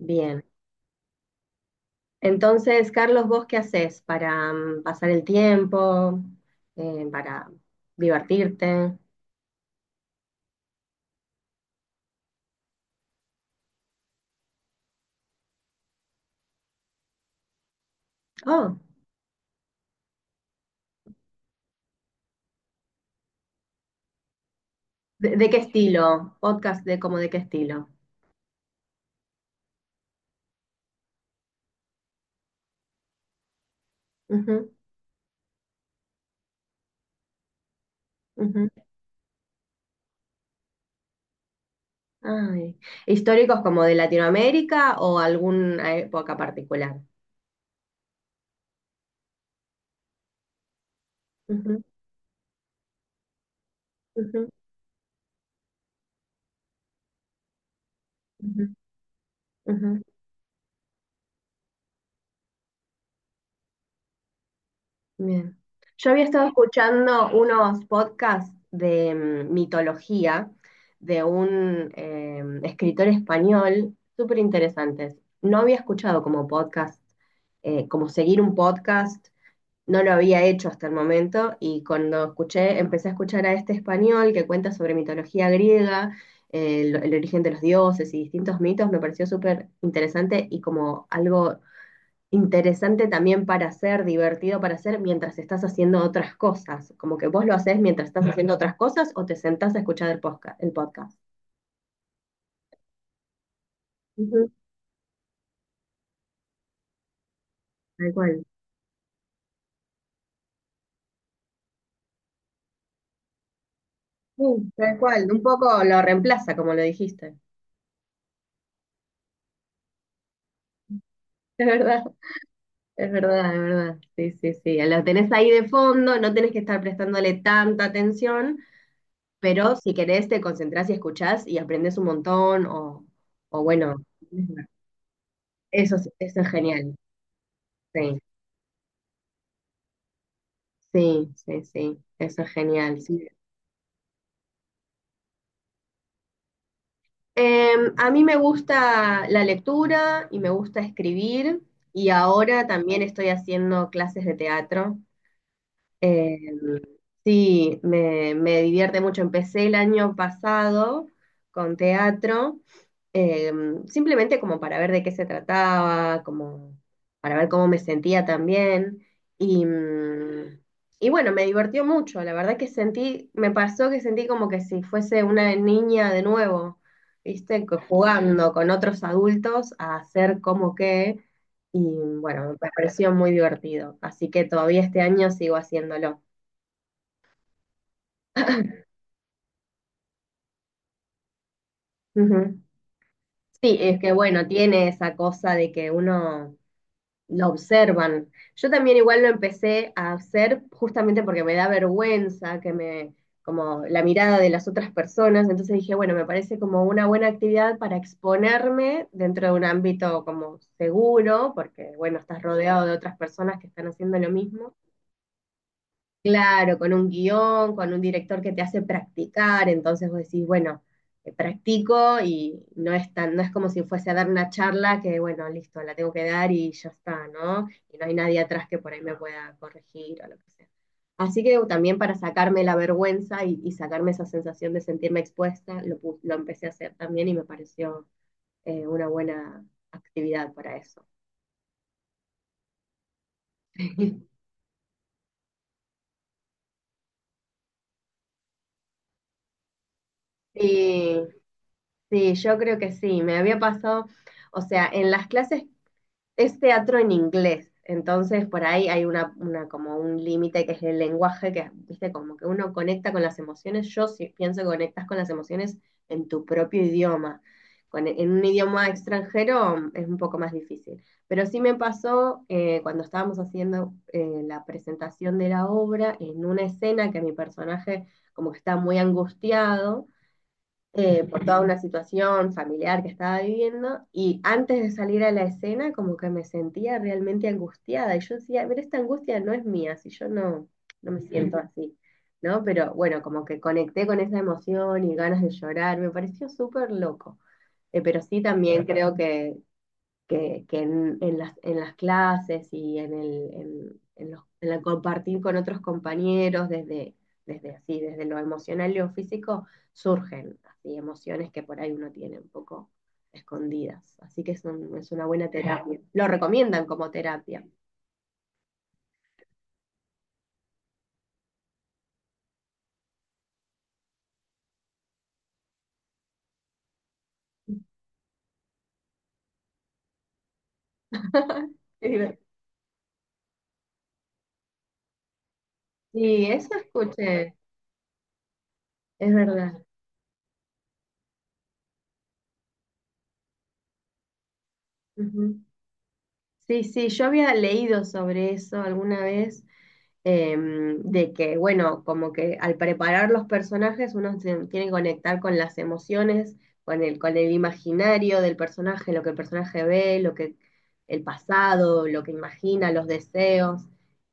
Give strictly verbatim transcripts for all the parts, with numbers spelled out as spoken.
Bien. Entonces, Carlos, ¿vos qué haces para mm, pasar el tiempo, eh, para divertirte? Oh, ¿de, de qué estilo? Podcast de como de qué estilo. Ujú, ujú. Ay. ¿Históricos como de Latinoamérica o alguna época particular? Ujú, ujú, ujú, ujú. Bien. Yo había estado escuchando unos podcasts de mm, mitología de un eh, escritor español súper interesantes. No había escuchado como podcast, eh, como seguir un podcast, no lo había hecho hasta el momento y cuando escuché, empecé a escuchar a este español que cuenta sobre mitología griega, eh, el, el origen de los dioses y distintos mitos, me pareció súper interesante y como algo interesante también para hacer, divertido para hacer mientras estás haciendo otras cosas. Como que vos lo haces mientras estás haciendo otras cosas o te sentás a escuchar el podcast, el podcast. Ujú, tal cual. Sí, tal cual. Un poco lo reemplaza, como lo dijiste. Es verdad, es verdad, es verdad. Sí, sí, sí. Lo tenés ahí de fondo, no tenés que estar prestándole tanta atención, pero si querés te concentrás y escuchás y aprendés un montón o, o bueno, eso, es- eso es genial. Sí. Sí, sí, sí, eso es genial. Sí. Em, a mí me gusta la lectura y me gusta escribir y ahora también estoy haciendo clases de teatro. Em, sí, me, me divierte mucho. Empecé el año pasado con teatro eh, simplemente como para ver de qué se trataba, como para ver cómo me sentía también. Y, mm, y bueno, me divertió mucho. La verdad que sentí, me pasó que sentí como que si fuese una niña de nuevo, ¿viste? Co- Jugando con otros adultos a hacer como que. Y bueno, me pareció muy divertido. Así que todavía este año sigo haciéndolo. Ujú. Sí, es que bueno, tiene esa cosa de que uno lo observan. Yo también igual lo empecé a hacer justamente porque me da vergüenza que me, como la mirada de las otras personas, entonces dije, bueno, me parece como una buena actividad para exponerme dentro de un ámbito como seguro, porque bueno, estás rodeado de otras personas que están haciendo lo mismo. Claro, con un guión, con un director que te hace practicar, entonces vos decís, bueno, eh, practico y no es tan, no es como si fuese a dar una charla que, bueno, listo, la tengo que dar y ya está, ¿no? Y no hay nadie atrás que por ahí me pueda corregir o lo que sea. Así que también para sacarme la vergüenza y, y sacarme esa sensación de sentirme expuesta, lo, pu- lo empecé a hacer también y me pareció eh, una buena actividad para eso. Sí, sí, yo creo que sí. Me había pasado, o sea, en las clases es teatro en inglés, entonces por ahí hay una, una como un límite que es el lenguaje, que viste, como que uno conecta con las emociones, yo sí pienso que conectas con las emociones en tu propio idioma. Con- en un idioma extranjero es un poco más difícil. Pero sí me pasó eh, cuando estábamos haciendo eh, la presentación de la obra, en una escena que mi personaje como que está muy angustiado eh, por toda una situación familiar que estaba viviendo y antes de salir a la escena como que me sentía realmente angustiada y yo decía, ver, esta angustia no es mía, si yo no, no me siento así, ¿no? Pero bueno, como que conecté con esa emoción y ganas de llorar, me pareció súper loco. Eh, pero sí también creo que que, que en, en las, en las clases y en el, en, en los- en el compartir con otros compañeros desde, desde, así, desde lo emocional y lo físico, surgen así emociones que por ahí uno tiene un poco escondidas. Así que es, un- es una buena terapia. Lo recomiendan como terapia. Qué divertido. Sí, eso escuché, es verdad. Ujú. Sí, sí, yo había leído sobre eso alguna vez, em, de que, bueno, como que al preparar los personajes uno se tiene que conectar con las emociones, con el, con el imaginario del personaje, lo que el personaje ve, lo que el pasado, lo que imagina, los deseos.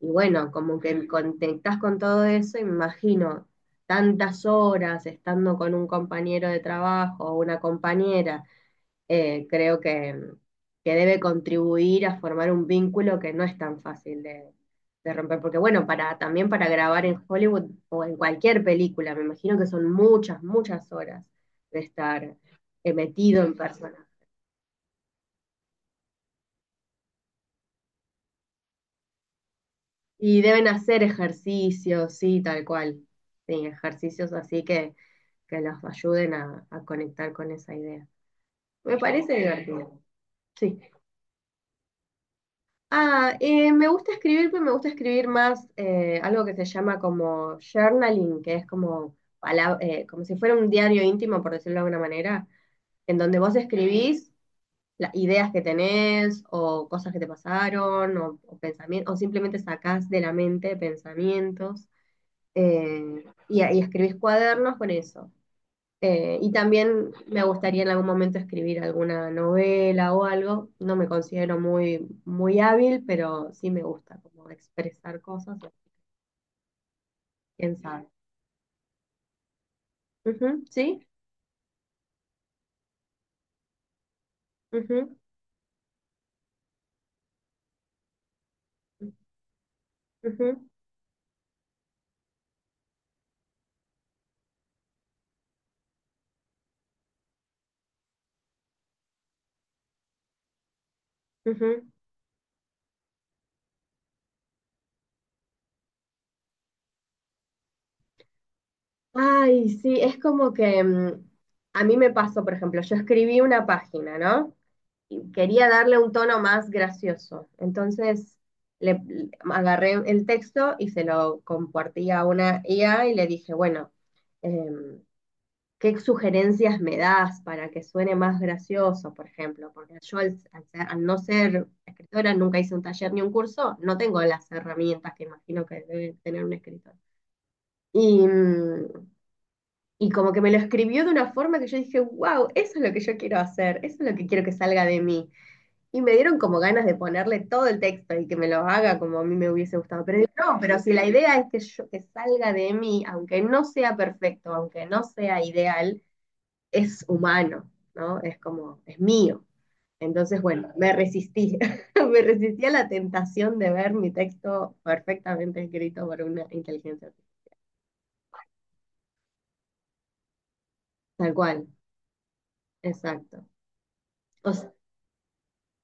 Y bueno, como que conectás con todo eso, y me imagino tantas horas estando con un compañero de trabajo o una compañera eh, creo que, que debe contribuir a formar un vínculo que no es tan fácil de, de romper. Porque bueno, para, también para grabar en Hollywood o en cualquier película, me imagino que son muchas, muchas horas de estar eh, metido en persona. Y deben hacer ejercicios, sí, tal cual. Sí, ejercicios así que, que los ayuden a, a conectar con esa idea. Me parece divertido. Sí. Ah, eh, me gusta escribir, pero me gusta escribir más eh, algo que se llama como journaling, que es como, pala- eh, como si fuera un diario íntimo, por decirlo de alguna manera, en donde vos escribís las ideas que tenés o cosas que te pasaron o, pensamientos, o pensami- o simplemente sacás de la mente pensamientos eh, y, y escribís cuadernos con eso. Eh, y también me gustaría en algún momento escribir alguna novela o algo. No me considero muy, muy hábil, pero sí me gusta como expresar cosas, quién sabe. Ujú, ¿sí? Ujú, ujú, ujú. Ay, sí, es como que mm, a mí me pasó, por ejemplo, yo escribí una página, ¿no? Y quería darle un tono más gracioso. Entonces le, le- agarré el texto y se lo compartí a una I A y le dije, bueno, em, ¿qué sugerencias me das para que suene más gracioso, por ejemplo? Porque yo al, al ser- al no ser escritora nunca hice un taller ni un curso, no tengo las herramientas que imagino que debe tener un escritor. Y, mm, y como que me lo escribió de una forma que yo dije, wow, eso es lo que yo quiero hacer, eso es lo que quiero que salga de mí. Y me dieron como ganas de ponerle todo el texto y que me lo haga como a mí me hubiese gustado. Pero digo, no, pero si la idea es que, yo, que salga de mí, aunque no sea perfecto, aunque no sea ideal, es humano, ¿no? Es como, es mío. Entonces, bueno, me resistí, me resistí a la tentación de ver mi texto perfectamente escrito por una inteligencia artificial. Tal cual, exacto. O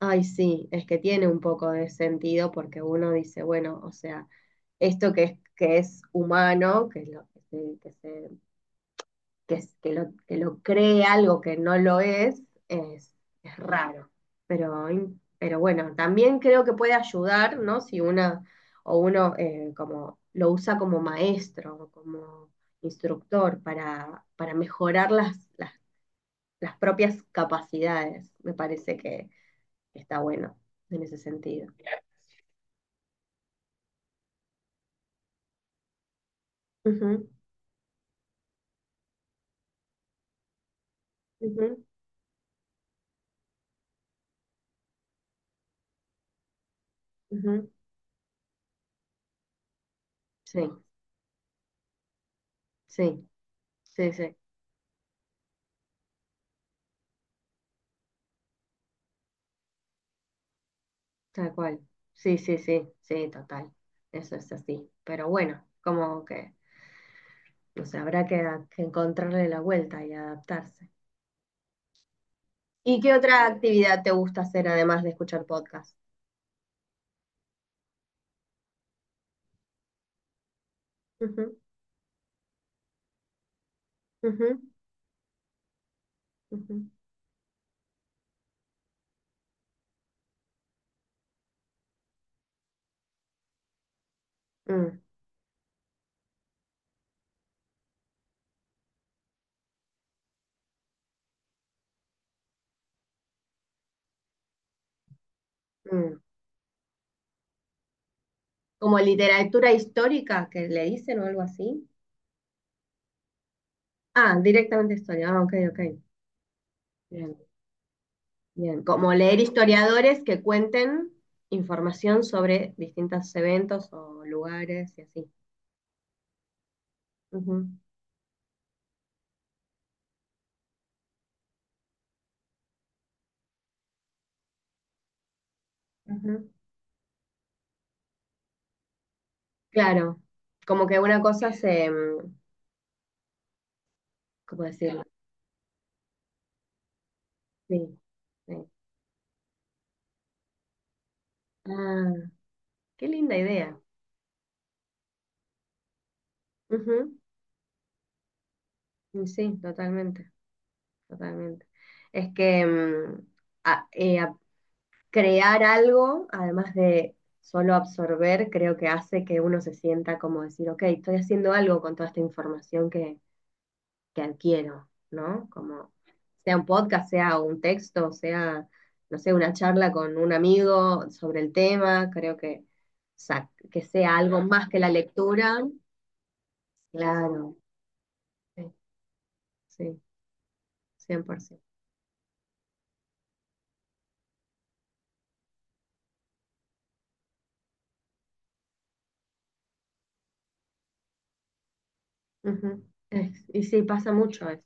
Ay, sí, es que tiene un poco de sentido porque uno dice, bueno, o sea, esto que es, que es humano, que lo, que se, que se- que es- que lo, que lo cree algo que no lo es, es, es raro. Pero, in- pero bueno, también creo que puede ayudar, ¿no? Si una o uno eh, como lo usa como maestro, o como instructor para, para mejorar las, las las propias capacidades. Me parece que está bueno en ese sentido. Ujú, ujú, ujú. Sí, sí, sí, sí, tal cual. Sí, sí, sí, sí, total. Eso es así. Pero bueno, como que no sé, habrá que, que encontrarle la vuelta y adaptarse. ¿Y qué otra actividad te gusta hacer además de escuchar podcast? Ujú, ujú, ujú. Mm, mm. Como literatura histórica que le dicen o algo así. Ah, directamente historia. Ah, ok, ok. Bien, bien, como leer historiadores que cuenten información sobre distintos eventos o lugares y así. Ujú, ujú. Claro, como que una cosa se, mm, ¿cómo decirlo? Sí, sí. Ah, qué linda idea. Ujú, y sí, totalmente, totalmente. Es que mm, a- eh, a- crear algo, además de solo absorber, creo que hace que uno se sienta como decir, ok, estoy haciendo algo con toda esta información que que adquiero, ¿no? Como sea un podcast, sea un texto, sea, no sé, una charla con un amigo sobre el tema, creo que, sa- que sea algo más que la lectura. Claro, sí, sí, cien por ciento. Ujú. Es- y sí, pasa mucho eso,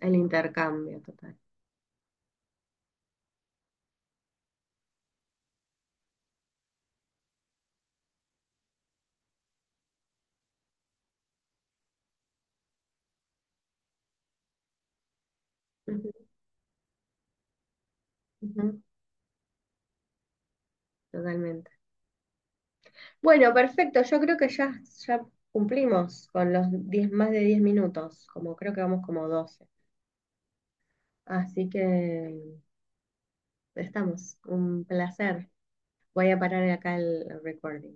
el intercambio total. Ujú, ujú, totalmente. Bueno, perfecto, yo creo que ya, ya cumplimos con los diez más de diez minutos, como creo que vamos como doce. Así que estamos. Un placer. Voy a parar acá el recording.